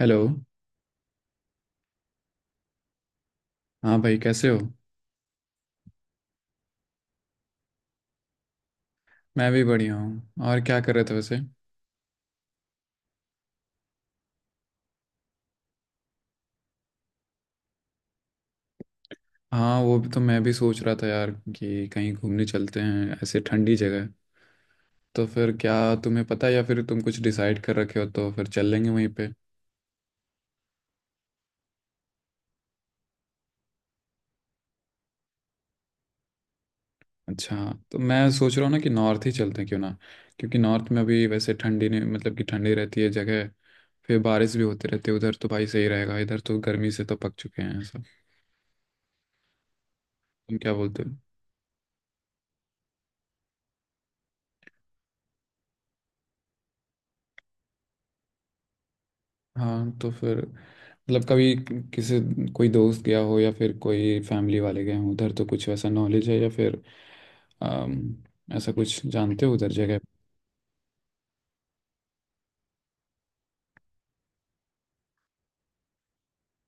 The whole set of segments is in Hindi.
हेलो। हाँ भाई, कैसे हो? मैं भी बढ़िया हूँ। और क्या कर रहे थे वैसे? हाँ, वो भी तो, मैं भी सोच रहा था यार कि कहीं घूमने चलते हैं, ऐसे ठंडी जगह। तो फिर क्या, तुम्हें पता है, या फिर तुम कुछ डिसाइड कर रखे हो तो फिर चल लेंगे वहीं पे। अच्छा। तो मैं सोच रहा हूँ ना कि नॉर्थ ही चलते हैं, क्यों ना? क्योंकि नॉर्थ में अभी वैसे ठंडी नहीं, मतलब कि ठंडी रहती है जगह। फिर बारिश भी होती रहती है उधर, तो भाई सही रहेगा, इधर तो गर्मी से तो पक चुके हैं सब। तुम क्या बोलते हो? हाँ तो फिर, मतलब कभी किसी कोई दोस्त गया हो या फिर कोई फैमिली वाले गए हों उधर, तो कुछ वैसा नॉलेज है या फिर अम, ऐसा कुछ जानते हो उधर जगह?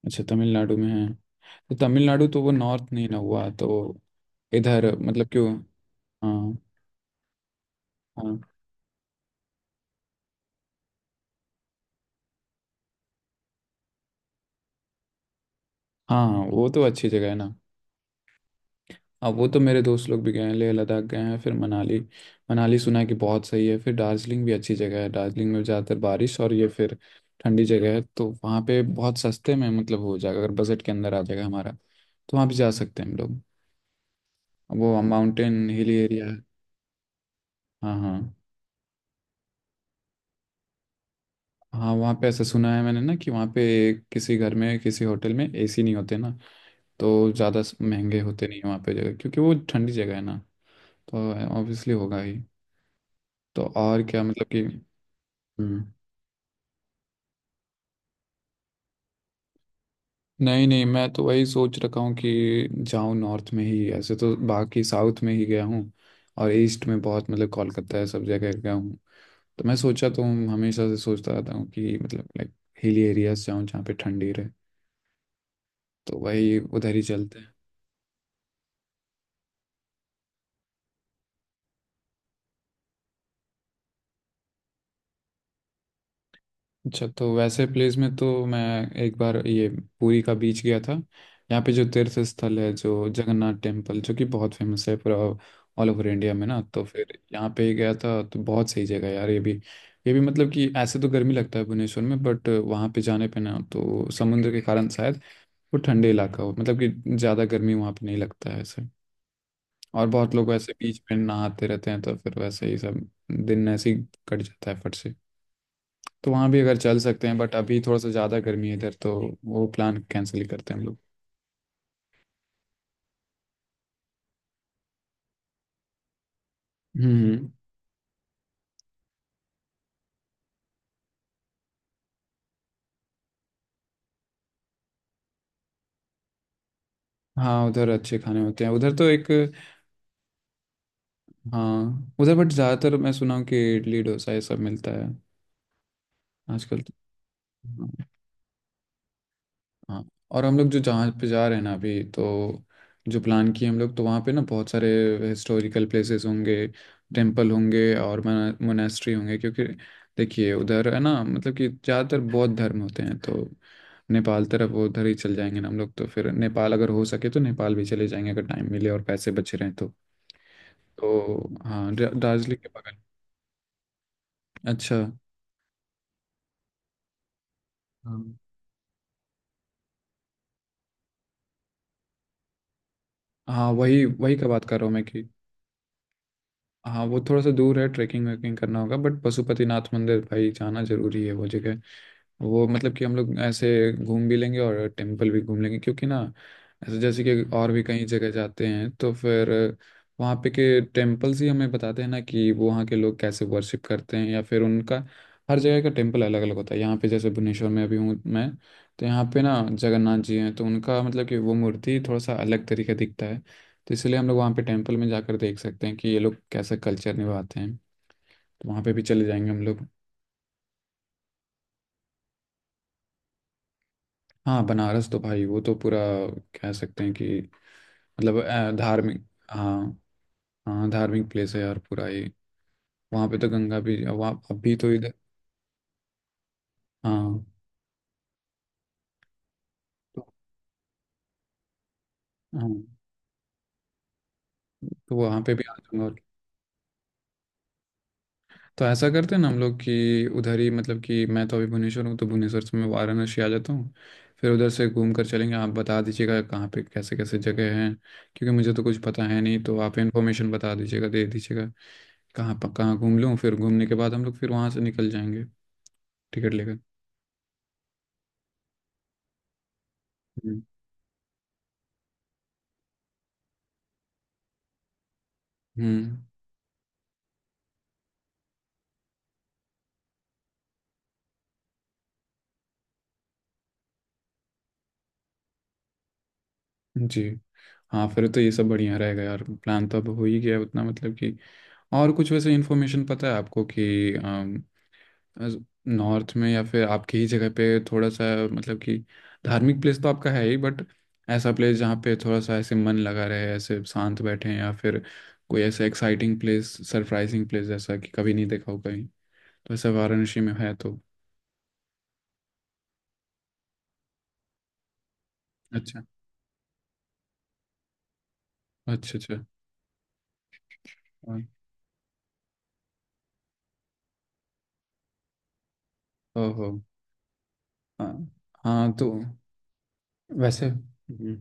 अच्छा, तमिलनाडु में है? तो तमिलनाडु तो वो नॉर्थ नहीं ना हुआ तो। इधर मतलब क्यों। हाँ। हाँ। हाँ हाँ, वो तो अच्छी जगह है ना। हाँ, वो तो मेरे दोस्त लोग भी गए हैं, लेह लद्दाख गए हैं, फिर मनाली। मनाली सुना है कि बहुत सही है। फिर दार्जिलिंग भी अच्छी जगह है। दार्जिलिंग में ज़्यादातर बारिश और ये। फिर ठंडी जगह है तो वहाँ पे बहुत सस्ते में मतलब हो जाएगा, अगर बजट के अंदर आ जाएगा हमारा तो वहाँ भी जा सकते हैं हम लोग। वो माउंटेन हिली एरिया है। हाँ हाँ। हाँ, वहाँ पे ऐसा सुना है मैंने ना कि वहाँ पे किसी घर में, किसी होटल में एसी नहीं होते ना। तो ज़्यादा महंगे होते नहीं हैं वहाँ पे जगह, क्योंकि वो ठंडी जगह है ना। तो ऑब्वियसली होगा ही। तो और क्या मतलब कि। हम्म। नहीं नहीं, मैं तो वही सोच रखा हूँ कि जाऊँ नॉर्थ में ही। ऐसे तो बाकी साउथ में ही गया हूँ, और ईस्ट में बहुत मतलब कोलकाता है, सब जगह गया हूँ। तो मैं सोचा तो हूँ, हमेशा से सोचता रहता हूँ कि मतलब लाइक हिली एरियाज जाऊँ जहाँ पे ठंडी रहे। तो वही उधर ही चलते हैं। अच्छा, तो वैसे प्लेस में तो मैं एक बार ये पुरी का बीच गया था। यहाँ पे जो तीर्थ स्थल है, जो जगन्नाथ टेम्पल, जो कि बहुत फेमस है पूरा ऑल ओवर इंडिया में ना, तो फिर यहाँ पे गया था। तो बहुत सही जगह है यार ये भी। ये भी मतलब कि ऐसे तो गर्मी लगता है भुवनेश्वर में, बट वहाँ पे जाने पे ना, तो समुद्र के कारण शायद वो ठंडे इलाका हो, मतलब कि ज़्यादा गर्मी वहाँ पे नहीं लगता है ऐसे। और बहुत लोग वैसे बीच में नहाते रहते हैं तो फिर वैसे ही सब दिन ऐसे ही कट जाता है फट से। तो वहाँ भी अगर चल सकते हैं, बट अभी थोड़ा सा ज़्यादा गर्मी है इधर तो वो प्लान कैंसिल ही करते हैं हम लोग। हम्म। हाँ, उधर अच्छे खाने होते हैं उधर तो। एक। हाँ, उधर बट ज़्यादातर मैं सुना हूँ कि इडली डोसा ये सब मिलता है आजकल। तो। हाँ। और हम लोग जो जहाँ पे जा रहे हैं ना अभी तो, जो प्लान किए हम लोग, तो वहाँ पे ना बहुत सारे हिस्टोरिकल प्लेसेस होंगे, टेम्पल होंगे और मोनेस्ट्री होंगे, क्योंकि देखिए उधर है ना, मतलब कि ज़्यादातर बौद्ध धर्म होते हैं। तो नेपाल तरफ वो उधर ही चल जाएंगे ना हम लोग, तो फिर नेपाल अगर हो सके तो नेपाल भी चले जाएंगे, अगर टाइम मिले और पैसे बचे रहें तो। तो हाँ, दार्जिलिंग के बगल। अच्छा। हाँ हाँ, वही वही का बात कर रहा हूँ मैं कि। हाँ, वो थोड़ा सा दूर है, ट्रैकिंग वैकिंग करना होगा, बट पशुपतिनाथ मंदिर भाई जाना जरूरी है वो जगह। वो मतलब कि हम लोग ऐसे घूम भी लेंगे और टेम्पल भी घूम लेंगे, क्योंकि ना, ऐसे जैसे कि और भी कई जगह जाते हैं तो फिर वहाँ पे के टेम्पल्स ही हमें बताते हैं ना कि वो वहाँ के लोग कैसे वर्शिप करते हैं या फिर उनका। हर जगह का टेम्पल अलग अलग होता है। यहाँ पे जैसे भुवनेश्वर में अभी हूँ मैं, तो यहाँ पे ना जगन्नाथ जी हैं, तो उनका मतलब कि वो मूर्ति थोड़ा सा अलग तरीके दिखता है। तो इसलिए हम लोग वहाँ पे टेम्पल में जाकर देख सकते हैं कि ये लोग कैसा कल्चर निभाते हैं। तो वहाँ पे भी चले जाएंगे हम लोग। हाँ, बनारस तो भाई वो तो पूरा कह सकते हैं कि मतलब धार्मिक। हाँ। हाँ, धार्मिक प्लेस है यार पूरा ये। वहाँ पे तो गंगा भी वहाँ, अभी तो इधर। हाँ। तो- हाँ, तो वहाँ पे भी आ जाऊंगा। तो ऐसा करते हैं ना हम लोग कि उधर ही, मतलब कि मैं तो अभी भुवनेश्वर हूँ तो भुवनेश्वर से मैं वाराणसी आ जाता हूँ। फिर उधर से घूम कर चलेंगे, आप बता दीजिएगा कहाँ पे कैसे कैसे जगह हैं, क्योंकि मुझे तो कुछ पता है नहीं, तो आप इन्फॉर्मेशन बता दीजिएगा, दे दीजिएगा कहाँ पर कहाँ घूम लूँ। फिर घूमने के बाद हम लोग फिर वहाँ से निकल जाएंगे, टिकट लेकर। हम्म। हम्म, जी। हाँ, फिर तो ये सब बढ़िया रहेगा यार, प्लान तो अब हो ही गया उतना मतलब कि। और कुछ वैसे इन्फॉर्मेशन पता है आपको कि नॉर्थ में या फिर आपकी ही जगह पे थोड़ा सा, मतलब कि धार्मिक प्लेस तो आपका है ही, बट ऐसा प्लेस जहाँ पे थोड़ा सा ऐसे मन लगा रहे, ऐसे शांत बैठे हैं, या फिर कोई ऐसा एक्साइटिंग प्लेस, सरप्राइजिंग प्लेस जैसा कि कभी नहीं देखा हो कहीं, तो ऐसा वाराणसी में है तो। अच्छा। अच्छा अच्छा। हाँ। ओहो। हाँ। हाँ तो वैसे।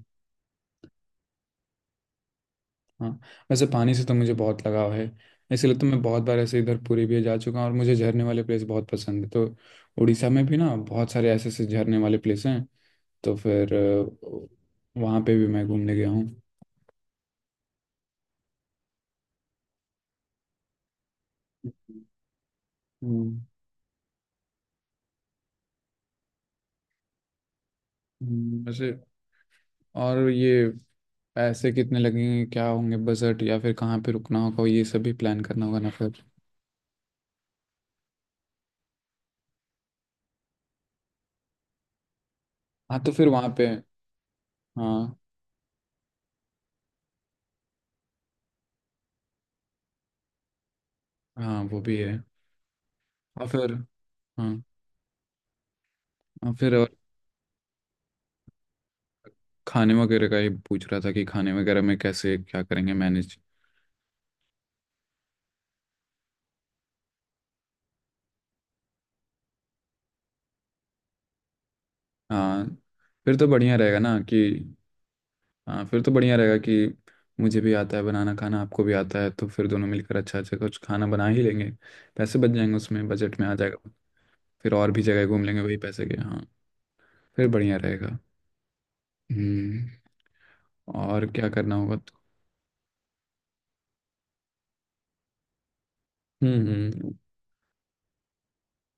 हाँ। वैसे पानी से तो मुझे बहुत लगाव है, इसलिए तो मैं बहुत बार ऐसे इधर पुरी भी जा चुका हूँ, और मुझे झरने वाले प्लेस बहुत पसंद है, तो उड़ीसा में भी ना बहुत सारे ऐसे ऐसे झरने वाले प्लेस हैं, तो फिर वहाँ पे भी मैं घूमने गया हूँ। हम्म। वैसे और ये पैसे कितने लगेंगे, क्या होंगे बजट, या फिर कहाँ पे रुकना होगा, ये सब भी प्लान करना होगा ना फिर। हाँ, तो फिर वहाँ पे। हाँ हाँ, वो भी है। और फिर। हाँ। और फिर और। खाने वगैरह का ही पूछ रहा था कि खाने वगैरह में कैसे क्या करेंगे मैनेज। हाँ फिर तो बढ़िया रहेगा ना कि। हाँ, फिर तो बढ़िया रहेगा कि मुझे भी आता है बनाना खाना, आपको भी आता है, तो फिर दोनों मिलकर अच्छा अच्छा कुछ खाना बना ही लेंगे। पैसे बच जाएंगे, उसमें बजट में आ जाएगा। फिर और भी जगह घूम लेंगे वही पैसे के। हाँ, फिर बढ़िया रहेगा। हम्म। और क्या करना होगा तो। हम्म।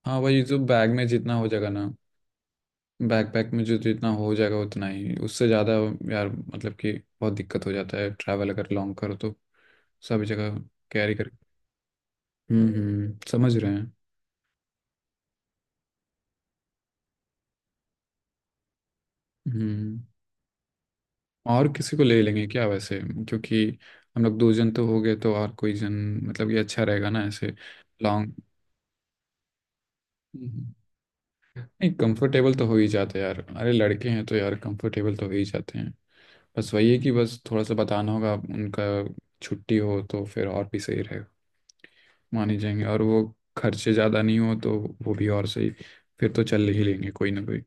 हाँ, वही जो बैग में जितना हो जाएगा ना। बैकपैक में जो जितना हो जाएगा उतना ही, उससे ज़्यादा यार मतलब कि बहुत दिक्कत हो जाता है ट्रैवल अगर लॉन्ग करो तो। सब जगह कैरी कर। हम्म, समझ रहे हैं। हम्म और किसी को ले लेंगे क्या वैसे, क्योंकि हम लोग दो जन तो हो गए, तो और कोई जन, मतलब ये अच्छा रहेगा ना ऐसे। लॉन्ग। नहीं, कंफर्टेबल तो हो ही जाते हैं यार, अरे लड़के हैं तो यार कंफर्टेबल तो हो ही जाते हैं। बस वही है कि बस थोड़ा सा बताना होगा उनका छुट्टी हो, तो फिर और भी सही रहेगा, मानी जाएंगे, और वो खर्चे ज़्यादा नहीं हो तो वो भी और सही। फिर तो चल ही लेंगे कोई ना कोई,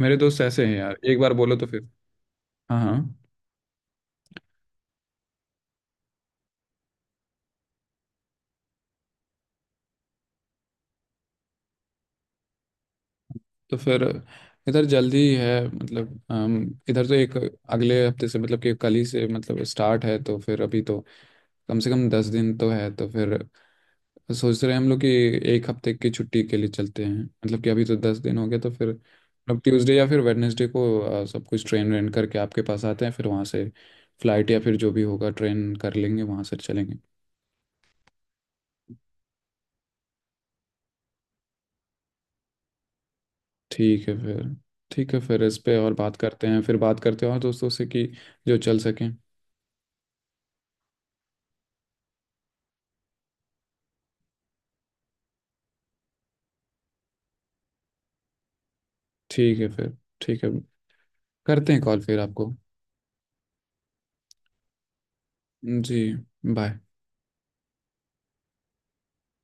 मेरे दोस्त ऐसे हैं यार, एक बार बोलो तो फिर। हाँ हाँ। तो फिर इधर जल्दी है, मतलब इधर तो एक अगले हफ्ते से, मतलब कि कल ही से मतलब स्टार्ट है, तो फिर अभी तो कम से कम 10 दिन तो है, तो फिर सोच रहे हैं हम लोग कि एक हफ्ते की छुट्टी के लिए चलते हैं, मतलब कि अभी तो 10 दिन हो गया, तो फिर अब ट्यूसडे या फिर वेडनेसडे को सब कुछ ट्रेन रेंट करके आपके पास आते हैं, फिर वहाँ से फ्लाइट या फिर जो भी होगा ट्रेन कर लेंगे, वहाँ से चलेंगे। ठीक है फिर। ठीक है फिर, इस पे और बात करते हैं, फिर बात करते हैं और दोस्तों से कि जो चल सकें। ठीक है फिर। ठीक है, करते हैं कॉल फिर आपको। जी। बाय।